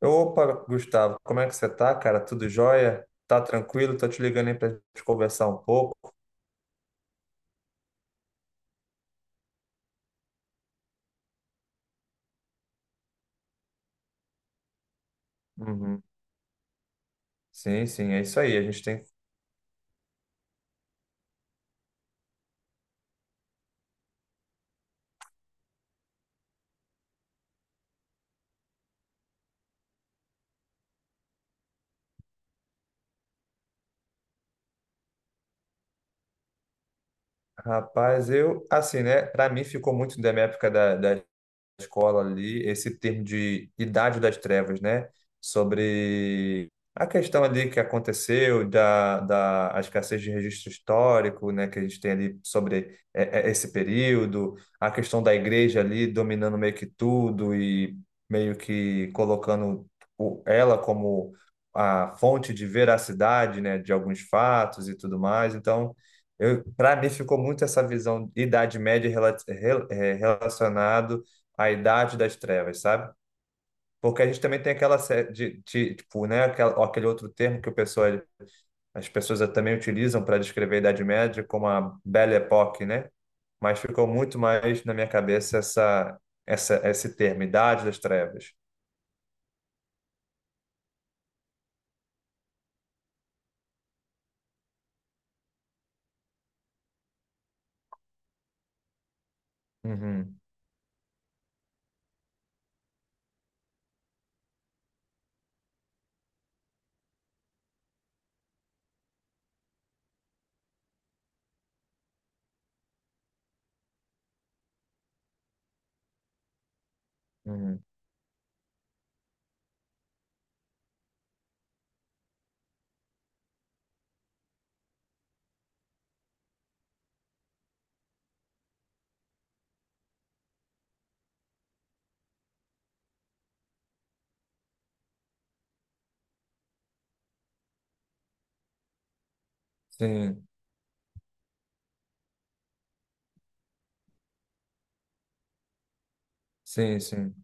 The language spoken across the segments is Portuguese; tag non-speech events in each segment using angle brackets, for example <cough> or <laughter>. Opa, Gustavo, como é que você tá, cara? Tudo jóia? Tá tranquilo? Tô te ligando aí pra gente conversar um pouco. Uhum. Sim, sim, é isso aí. A gente tem. Rapaz, eu, assim, né? Pra mim ficou muito da minha época da escola ali, esse termo de Idade das Trevas, né? Sobre a questão ali que aconteceu da, da a escassez de registro histórico, né? Que a gente tem ali sobre esse período, a questão da igreja ali dominando meio que tudo e meio que colocando ela como a fonte de veracidade, né? De alguns fatos e tudo mais. Então, para mim ficou muito essa visão de Idade Média relacionado a Idade das Trevas, sabe? Porque a gente também tem aquela série tipo, né, aquele outro termo que as pessoas também utilizam para descrever a Idade Média como a Belle Époque, né? Mas ficou muito mais na minha cabeça esse termo, Idade das Trevas. Uhum, uhum. Sim, sim, sim.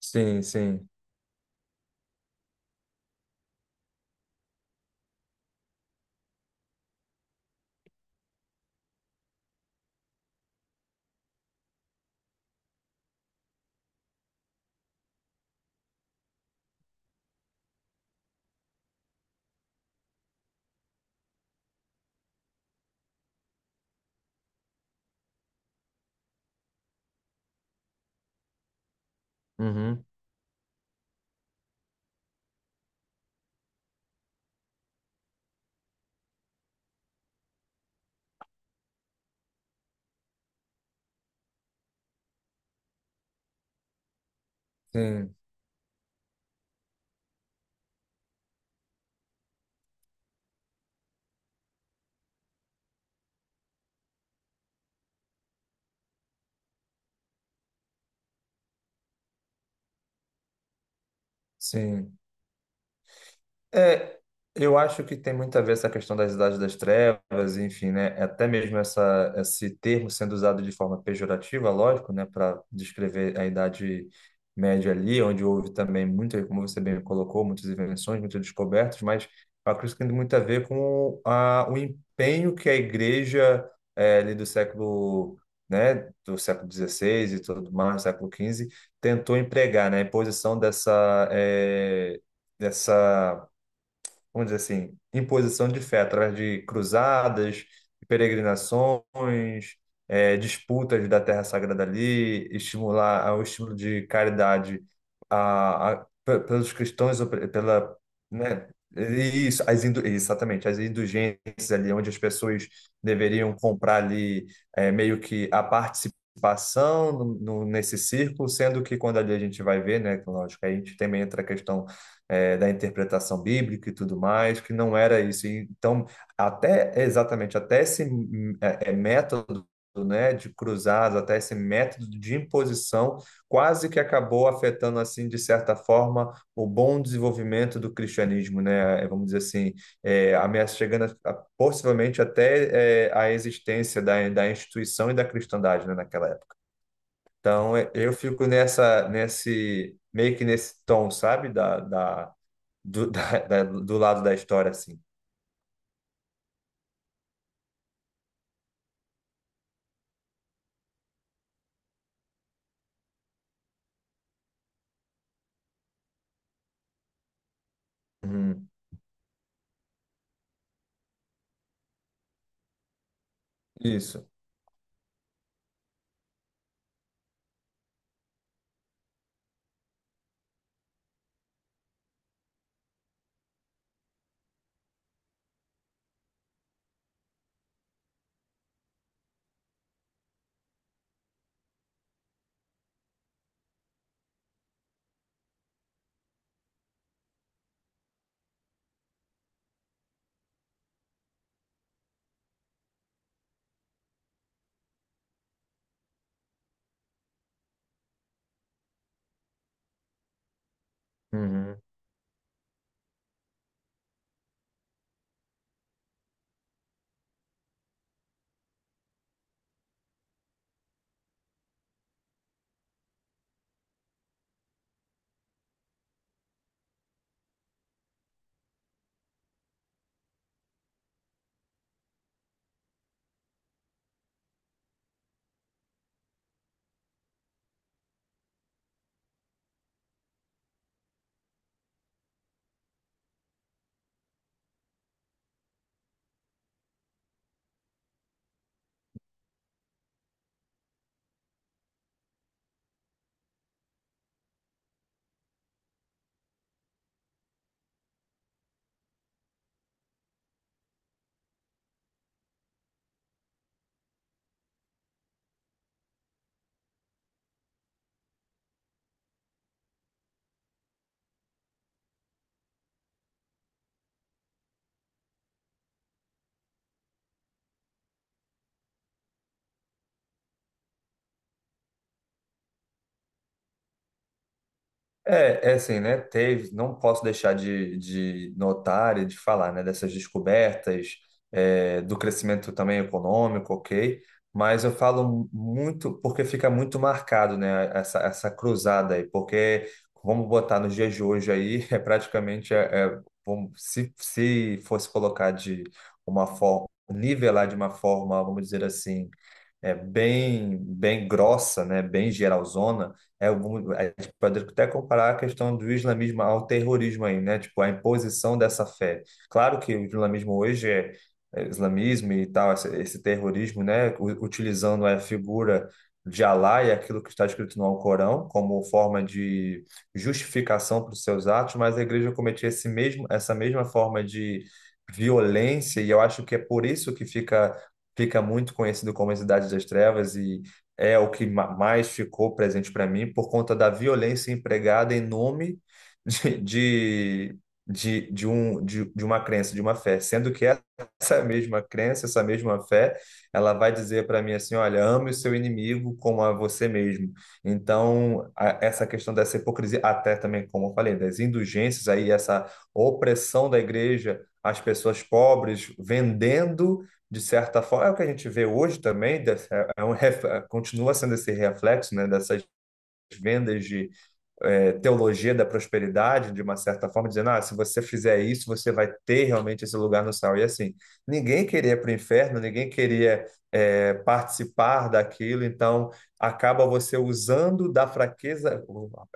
Sim, sim. Uhum. Sim, sim. É, eu acho que tem muito a ver essa questão das idades das trevas, enfim, né? Até mesmo esse termo sendo usado de forma pejorativa, lógico, né? Para descrever a idade média ali, onde houve também muito, como você bem colocou, muitas invenções, muitas descobertas, mas eu acredito que tem muito a ver com o empenho que a igreja ali do século, né? Do século XVI e tudo mais, século XV, tentou empregar, né? A imposição dessa vamos dizer assim, imposição de fé através de cruzadas, peregrinações, disputas da terra sagrada ali, estimular ao estímulo de caridade pelos cristãos, ou pela, né, isso, exatamente, as indulgências ali, onde as pessoas deveriam comprar ali meio que a participação nesse círculo, sendo que quando ali a gente vai ver, né, que, lógico, aí a gente também entra a questão da interpretação bíblica e tudo mais, que não era isso. E então, até exatamente, até esse método, né, de cruzados, até esse método de imposição, quase que acabou afetando, assim, de certa forma, o bom desenvolvimento do cristianismo, né? É, vamos dizer assim, é, ameaça chegando a, possivelmente até é, a existência da instituição e da cristandade, né, naquela época. Então, eu fico meio que nesse tom, sabe? <laughs> Do lado da história, assim. Uhum. Isso. Uhum. É, é assim, né? Teve, não posso deixar de notar e de falar, né, dessas descobertas, é, do crescimento também econômico, ok? Mas eu falo muito porque fica muito marcado, né, essa cruzada aí, porque vamos botar nos dias de hoje aí, <laughs> é praticamente, é, se fosse colocar de uma forma, nivelar de uma forma, vamos dizer assim é bem bem grossa, né, bem geralzona, é, a gente pode até comparar a questão do islamismo ao terrorismo aí, né, tipo a imposição dessa fé. Claro que o islamismo hoje é islamismo e tal, esse terrorismo, né, utilizando a figura de Alá e aquilo que está escrito no Alcorão como forma de justificação para os seus atos, mas a igreja cometia essa mesma forma de violência, e eu acho que é por isso que fica muito conhecido como a Cidade das Trevas e é o que mais ficou presente para mim por conta da violência empregada em nome <laughs> de, de, de uma crença, de uma fé, sendo que essa mesma crença, essa mesma fé, ela vai dizer para mim assim, olha, ame o seu inimigo como a você mesmo. Então, essa questão dessa hipocrisia, até também, como eu falei, das indulgências aí, essa opressão da igreja às pessoas pobres, vendendo de certa forma, é o que a gente vê hoje também, continua sendo esse reflexo, né, dessas vendas de é, teologia da prosperidade, de uma certa forma, dizendo, ah, se você fizer isso, você vai ter realmente esse lugar no céu. E assim, ninguém queria ir para o inferno, ninguém queria é, participar daquilo, então acaba você usando da fraqueza,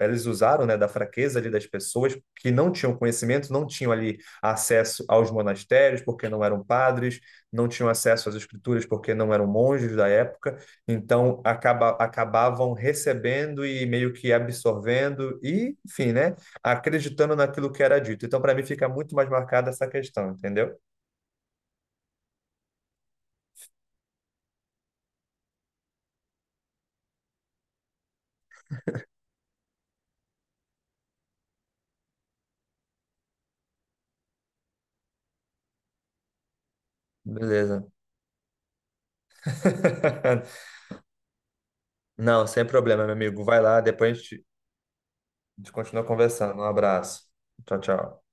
eles usaram, né, da fraqueza ali das pessoas que não tinham conhecimento, não tinham ali acesso aos monastérios, porque não eram padres, não tinham acesso às escrituras, porque não eram monges da época, então, acabavam recebendo e meio que absorvendo e, enfim, né? Acreditando naquilo que era dito. Então, para mim, fica muito mais marcada essa questão, entendeu? Beleza. <laughs> Não, sem problema, meu amigo. Vai lá, depois a gente continua conversando. Um abraço. Tchau, tchau.